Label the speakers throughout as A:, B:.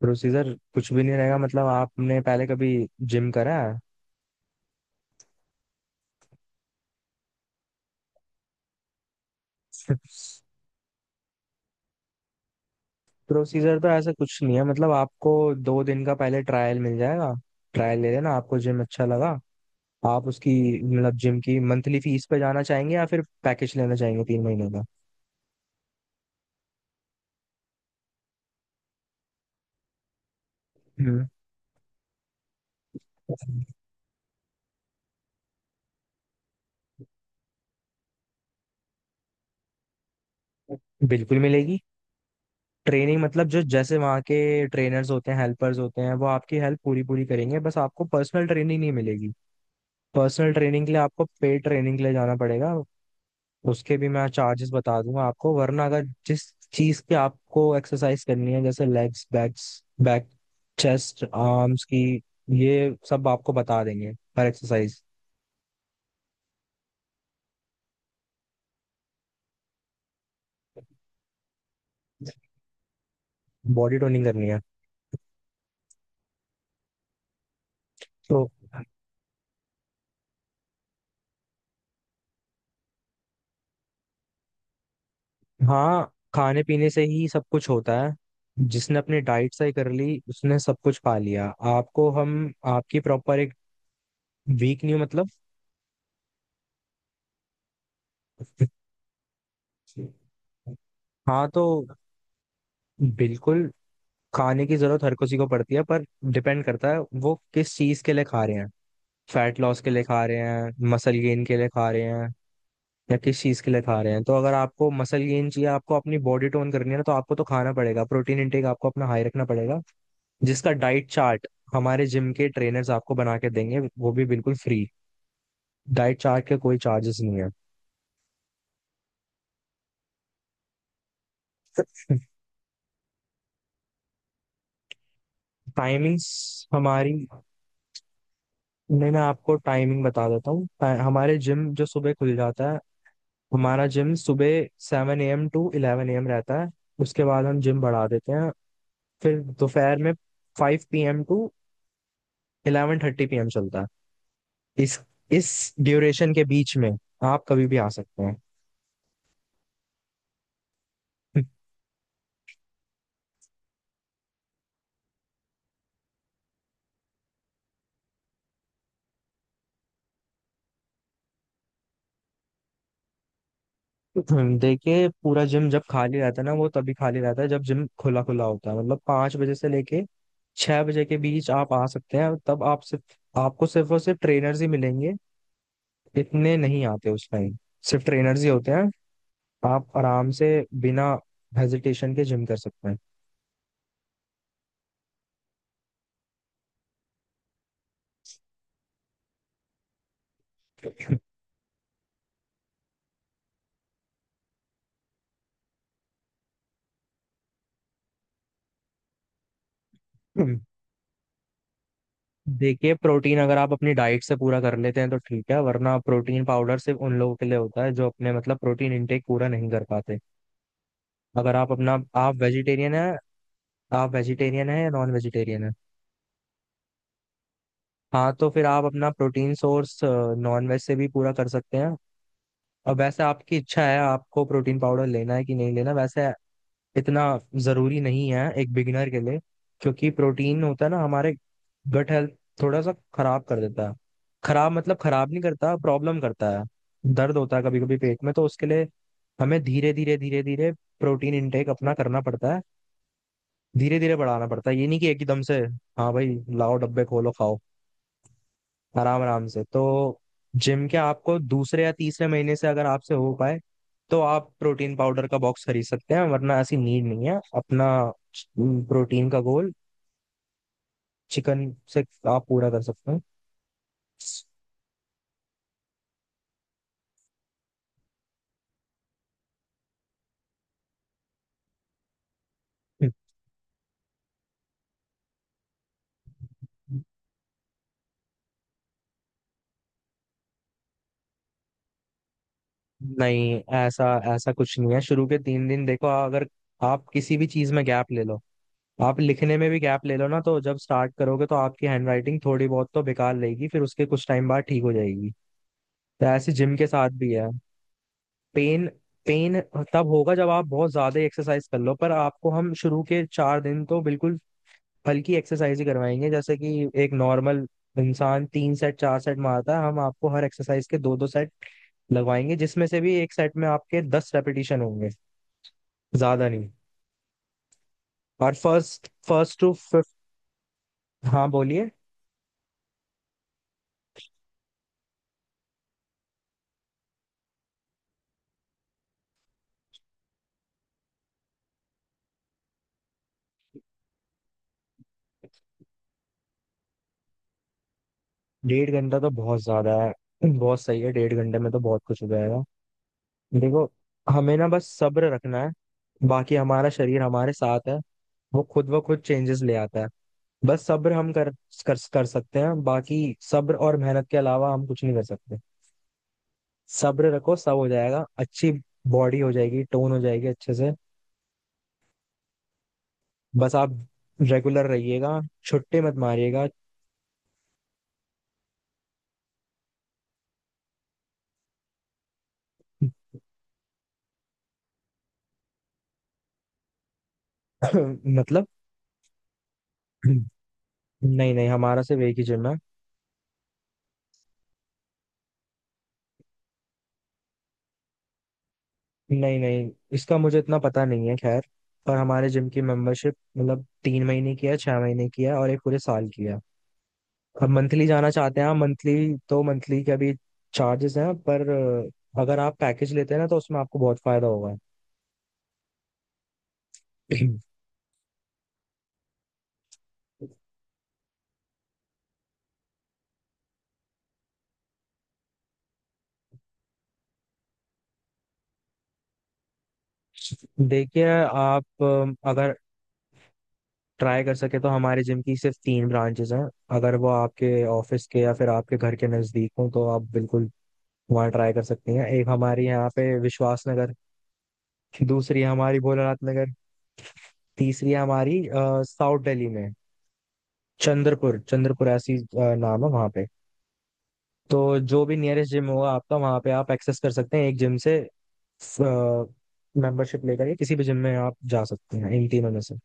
A: Procedure कुछ भी नहीं रहेगा। मतलब आपने पहले कभी जिम करा है? प्रोसीजर तो ऐसा कुछ नहीं है। मतलब आपको 2 दिन का पहले ट्रायल मिल जाएगा। ट्रायल ले लेना, आपको जिम अच्छा लगा आप उसकी मतलब जिम की मंथली फीस पे जाना चाहेंगे या फिर पैकेज लेना चाहेंगे 3 महीने का। हम्म। बिल्कुल मिलेगी। ट्रेनिंग मतलब जो जैसे वहाँ के ट्रेनर्स होते हैं, हेल्पर्स होते हैं, वो आपकी हेल्प पूरी पूरी करेंगे, बस आपको पर्सनल ट्रेनिंग नहीं मिलेगी। पर्सनल ट्रेनिंग के लिए आपको पेड ट्रेनिंग के लिए जाना पड़ेगा। उसके भी मैं चार्जेस बता दूंगा आपको, वरना अगर जिस चीज की आपको एक्सरसाइज करनी है जैसे legs backs back chest arms की, ये सब आपको बता देंगे हर एक्सरसाइज। बॉडी टोनिंग करनी है तो? हाँ, खाने पीने से ही सब कुछ होता है। जिसने अपनी डाइट सही कर ली उसने सब कुछ पा लिया। आपको हम आपकी प्रॉपर एक वीक नहीं मतलब? हाँ तो बिल्कुल। खाने की जरूरत हर किसी को पड़ती है, पर डिपेंड करता है वो किस चीज के लिए खा रहे हैं। फैट लॉस के लिए खा रहे हैं, मसल गेन के लिए खा रहे हैं, या किस चीज के लिए खा रहे हैं। तो अगर आपको मसल गेन चाहिए, आपको अपनी बॉडी टोन करनी है ना, तो आपको तो खाना पड़ेगा, प्रोटीन इंटेक आपको अपना हाई रखना पड़ेगा। जिसका डाइट चार्ट हमारे जिम के ट्रेनर्स आपको बना के देंगे, वो भी बिल्कुल फ्री, डाइट चार्ट के कोई चार्जेस नहीं है। टाइमिंग्स हमारी, नहीं मैं आपको टाइमिंग बता देता हूँ हमारे जिम जो सुबह खुल जाता है। हमारा जिम सुबह 7 a.m. To 11 a.m. रहता है। उसके बाद हम जिम बढ़ा देते हैं, फिर दोपहर में 5 p.m. To 11:30 p.m. चलता है। इस इस ड्यूरेशन के बीच में आप कभी भी आ सकते हैं। देखिए पूरा जिम जब खाली रहता है ना, वो तभी खाली रहता है जब जिम खुला खुला होता है। मतलब 5 बजे से लेके 6 बजे के बीच आप आ सकते हैं, तब आप सिर्फ आपको सिर्फ और सिर्फ ट्रेनर्स ही मिलेंगे। इतने नहीं आते उस टाइम, सिर्फ ट्रेनर्स ही होते हैं। आप आराम से बिना हेजिटेशन के जिम कर सकते हैं। हम्म। देखिए, प्रोटीन अगर आप अपनी डाइट से पूरा कर लेते हैं तो ठीक है, वरना प्रोटीन पाउडर सिर्फ उन लोगों के लिए होता है जो अपने मतलब प्रोटीन इनटेक पूरा नहीं कर पाते। अगर आप अपना, आप वेजिटेरियन है, आप वेजिटेरियन है या नॉन वेजिटेरियन है? हाँ तो फिर आप अपना प्रोटीन सोर्स नॉन वेज से भी पूरा कर सकते हैं। और वैसे आपकी इच्छा है आपको प्रोटीन पाउडर लेना है कि नहीं लेना, वैसे इतना जरूरी नहीं है एक बिगिनर के लिए। क्योंकि प्रोटीन होता है ना हमारे गट हेल्थ थोड़ा सा खराब कर देता है, खराब मतलब खराब नहीं करता, प्रॉब्लम करता है। दर्द होता है कभी कभी पेट में, तो उसके लिए हमें धीरे धीरे धीरे धीरे प्रोटीन इनटेक अपना करना पड़ता है, धीरे धीरे बढ़ाना पड़ता है, ये नहीं कि एकदम से हाँ भाई लाओ डब्बे खोलो खाओ। आराम आराम से तो जिम के आपको दूसरे या तीसरे महीने से, अगर आपसे हो पाए तो आप प्रोटीन पाउडर का बॉक्स खरीद सकते हैं, वरना ऐसी नीड नहीं है। अपना प्रोटीन का गोल चिकन से आप पूरा कर सकते हैं। नहीं, ऐसा ऐसा कुछ नहीं है। शुरू के 3 दिन देखो, अगर आप किसी भी चीज में गैप ले लो, आप लिखने में भी गैप ले लो ना, तो जब स्टार्ट करोगे तो आपकी हैंडराइटिंग थोड़ी बहुत तो बेकार रहेगी, फिर उसके कुछ टाइम बाद ठीक हो जाएगी। तो ऐसे जिम के साथ भी है। पेन पेन तब होगा जब आप बहुत ज्यादा एक्सरसाइज कर लो, पर आपको हम शुरू के 4 दिन तो बिल्कुल हल्की एक्सरसाइज ही करवाएंगे। जैसे कि एक नॉर्मल इंसान 3 सेट 4 सेट मारता है, हम आपको हर एक्सरसाइज के दो दो सेट लगवाएंगे, जिसमें से भी एक सेट में आपके 10 रेपिटेशन होंगे, ज्यादा नहीं। और फर्स्ट फर्स्ट टू फिफ्थ। हाँ बोलिए। डेढ़ घंटा तो बहुत ज्यादा है, बहुत सही है। डेढ़ घंटे में तो बहुत कुछ हो जाएगा। देखो, हमें ना बस सब्र रखना है, बाकी हमारा शरीर हमारे साथ है, वो खुद ब खुद चेंजेस ले आता है। बस सब्र हम कर कर, कर सकते हैं। बाकी सब्र और मेहनत के अलावा हम कुछ नहीं कर सकते। सब्र रखो सब हो जाएगा, अच्छी बॉडी हो जाएगी, टोन हो जाएगी अच्छे से। बस आप रेगुलर रहिएगा, छुट्टे मत मारिएगा। मतलब, नहीं नहीं, हमारा सिर्फ एक ही जिम है। नहीं नहीं, इसका मुझे इतना पता नहीं है खैर। पर हमारे जिम की मेंबरशिप मतलब 3 महीने की है, 6 महीने की है और एक पूरे साल की है। अब मंथली जाना चाहते हैं आप, मंथली तो मंथली के अभी चार्जेस हैं, पर अगर आप पैकेज लेते हैं ना, तो उसमें आपको बहुत फायदा होगा। देखिए आप, अगर ट्राई कर सके तो हमारे जिम की सिर्फ 3 ब्रांचेस हैं। अगर वो आपके ऑफिस के या फिर आपके घर के नजदीक हो तो आप बिल्कुल वहाँ ट्राई कर सकती हैं। एक हमारी यहाँ पे विश्वास नगर, दूसरी है हमारी भोलानाथ नगर, तीसरी है हमारी साउथ दिल्ली में चंद्रपुर। चंद्रपुर ऐसी नाम है वहां पे। तो जो भी नियरेस्ट जिम होगा आपका, वहां पे आप एक्सेस कर सकते हैं। एक जिम से मेंबरशिप लेकर के किसी भी जिम में आप जा सकते हैं इन तीनों में से।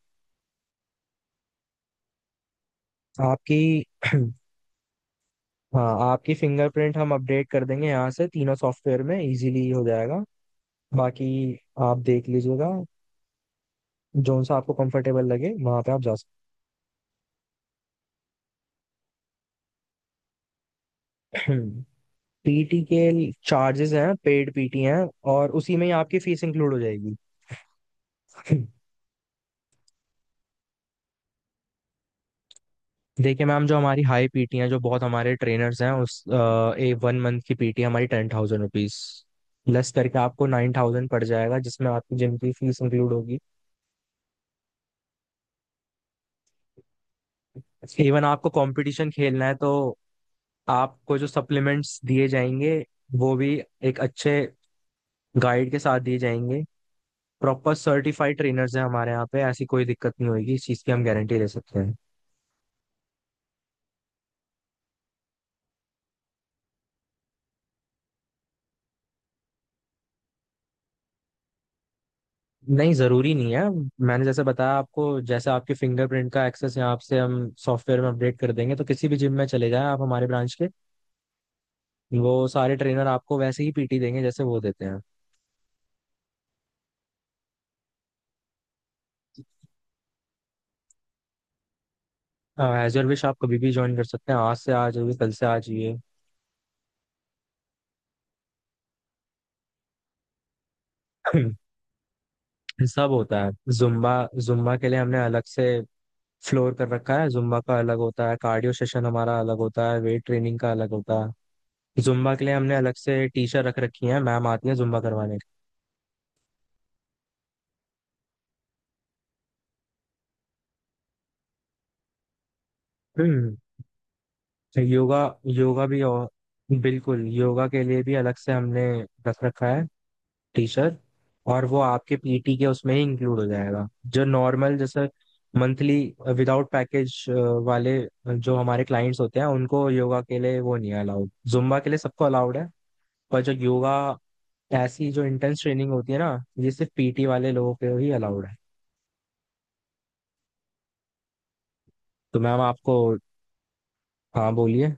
A: आपकी हाँ, आपकी फिंगरप्रिंट हम अपडेट कर देंगे यहाँ से, तीनों सॉफ्टवेयर में इजीली हो जाएगा। बाकी आप देख लीजिएगा। जो सा आपको कंफर्टेबल लगे वहां पे आप जा सकते हैं। पीटी के चार्जेस हैं, पेड पीटी हैं और उसी में ही आपकी फीस इंक्लूड हो जाएगी। देखिए मैम, जो हमारी हाई पीटी हैं जो बहुत हमारे ट्रेनर्स हैं उस ए वन मंथ की पीटी हमारी ₹10,000, लेस करके आपको 9,000 पड़ जाएगा, जिसमें आपकी जिम की फीस इंक्लूड होगी। इवन आपको कंपटीशन खेलना है तो आपको जो सप्लीमेंट्स दिए जाएंगे वो भी एक अच्छे गाइड के साथ दिए जाएंगे। प्रॉपर सर्टिफाइड ट्रेनर्स हैं हमारे यहाँ पे, ऐसी कोई दिक्कत नहीं होगी इस चीज़ की, हम गारंटी दे सकते हैं। नहीं, जरूरी नहीं है। मैंने जैसे बताया आपको, जैसे आपके फिंगरप्रिंट का एक्सेस यहाँ से हम सॉफ्टवेयर में अपडेट कर देंगे, तो किसी भी जिम में चले जाएं आप हमारे ब्रांच के, वो सारे ट्रेनर आपको वैसे ही पीटी देंगे जैसे वो देते हैं। एज योर विश, आप कभी भी ज्वाइन कर सकते हैं, आज से आ जाइए, कल से आ जाइए। सब होता है। जुम्बा जुम्बा के लिए हमने अलग से फ्लोर कर रखा है, जुम्बा का अलग होता है, कार्डियो सेशन हमारा अलग होता है, वेट ट्रेनिंग का अलग होता है। जुम्बा के लिए हमने अलग से टीचर रख रखी है, मैम आती है जुम्बा करवाने। योगा योगा भी, और बिल्कुल योगा के लिए भी अलग से हमने रख रखा है टीचर, और वो आपके पीटी के उसमें ही इंक्लूड हो जाएगा। जो नॉर्मल जैसे मंथली विदाउट पैकेज वाले जो हमारे क्लाइंट्स होते हैं उनको योगा के लिए वो नहीं है अलाउड, जुम्बा के लिए सबको अलाउड है। पर जो योगा, ऐसी जो इंटेंस ट्रेनिंग होती है ना, ये सिर्फ पीटी वाले लोगों के ही अलाउड है। तो मैम आपको, हाँ बोलिए।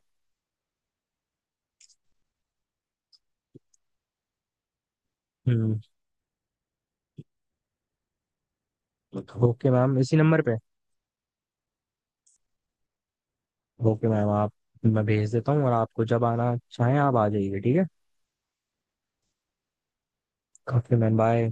A: हम्म। ओके मैम, इसी नंबर पे। ओके मैम आप, मैं भेज देता हूँ, और आपको जब आना चाहें आप आ जाइए, ठीक है। Okay ma'am, bye.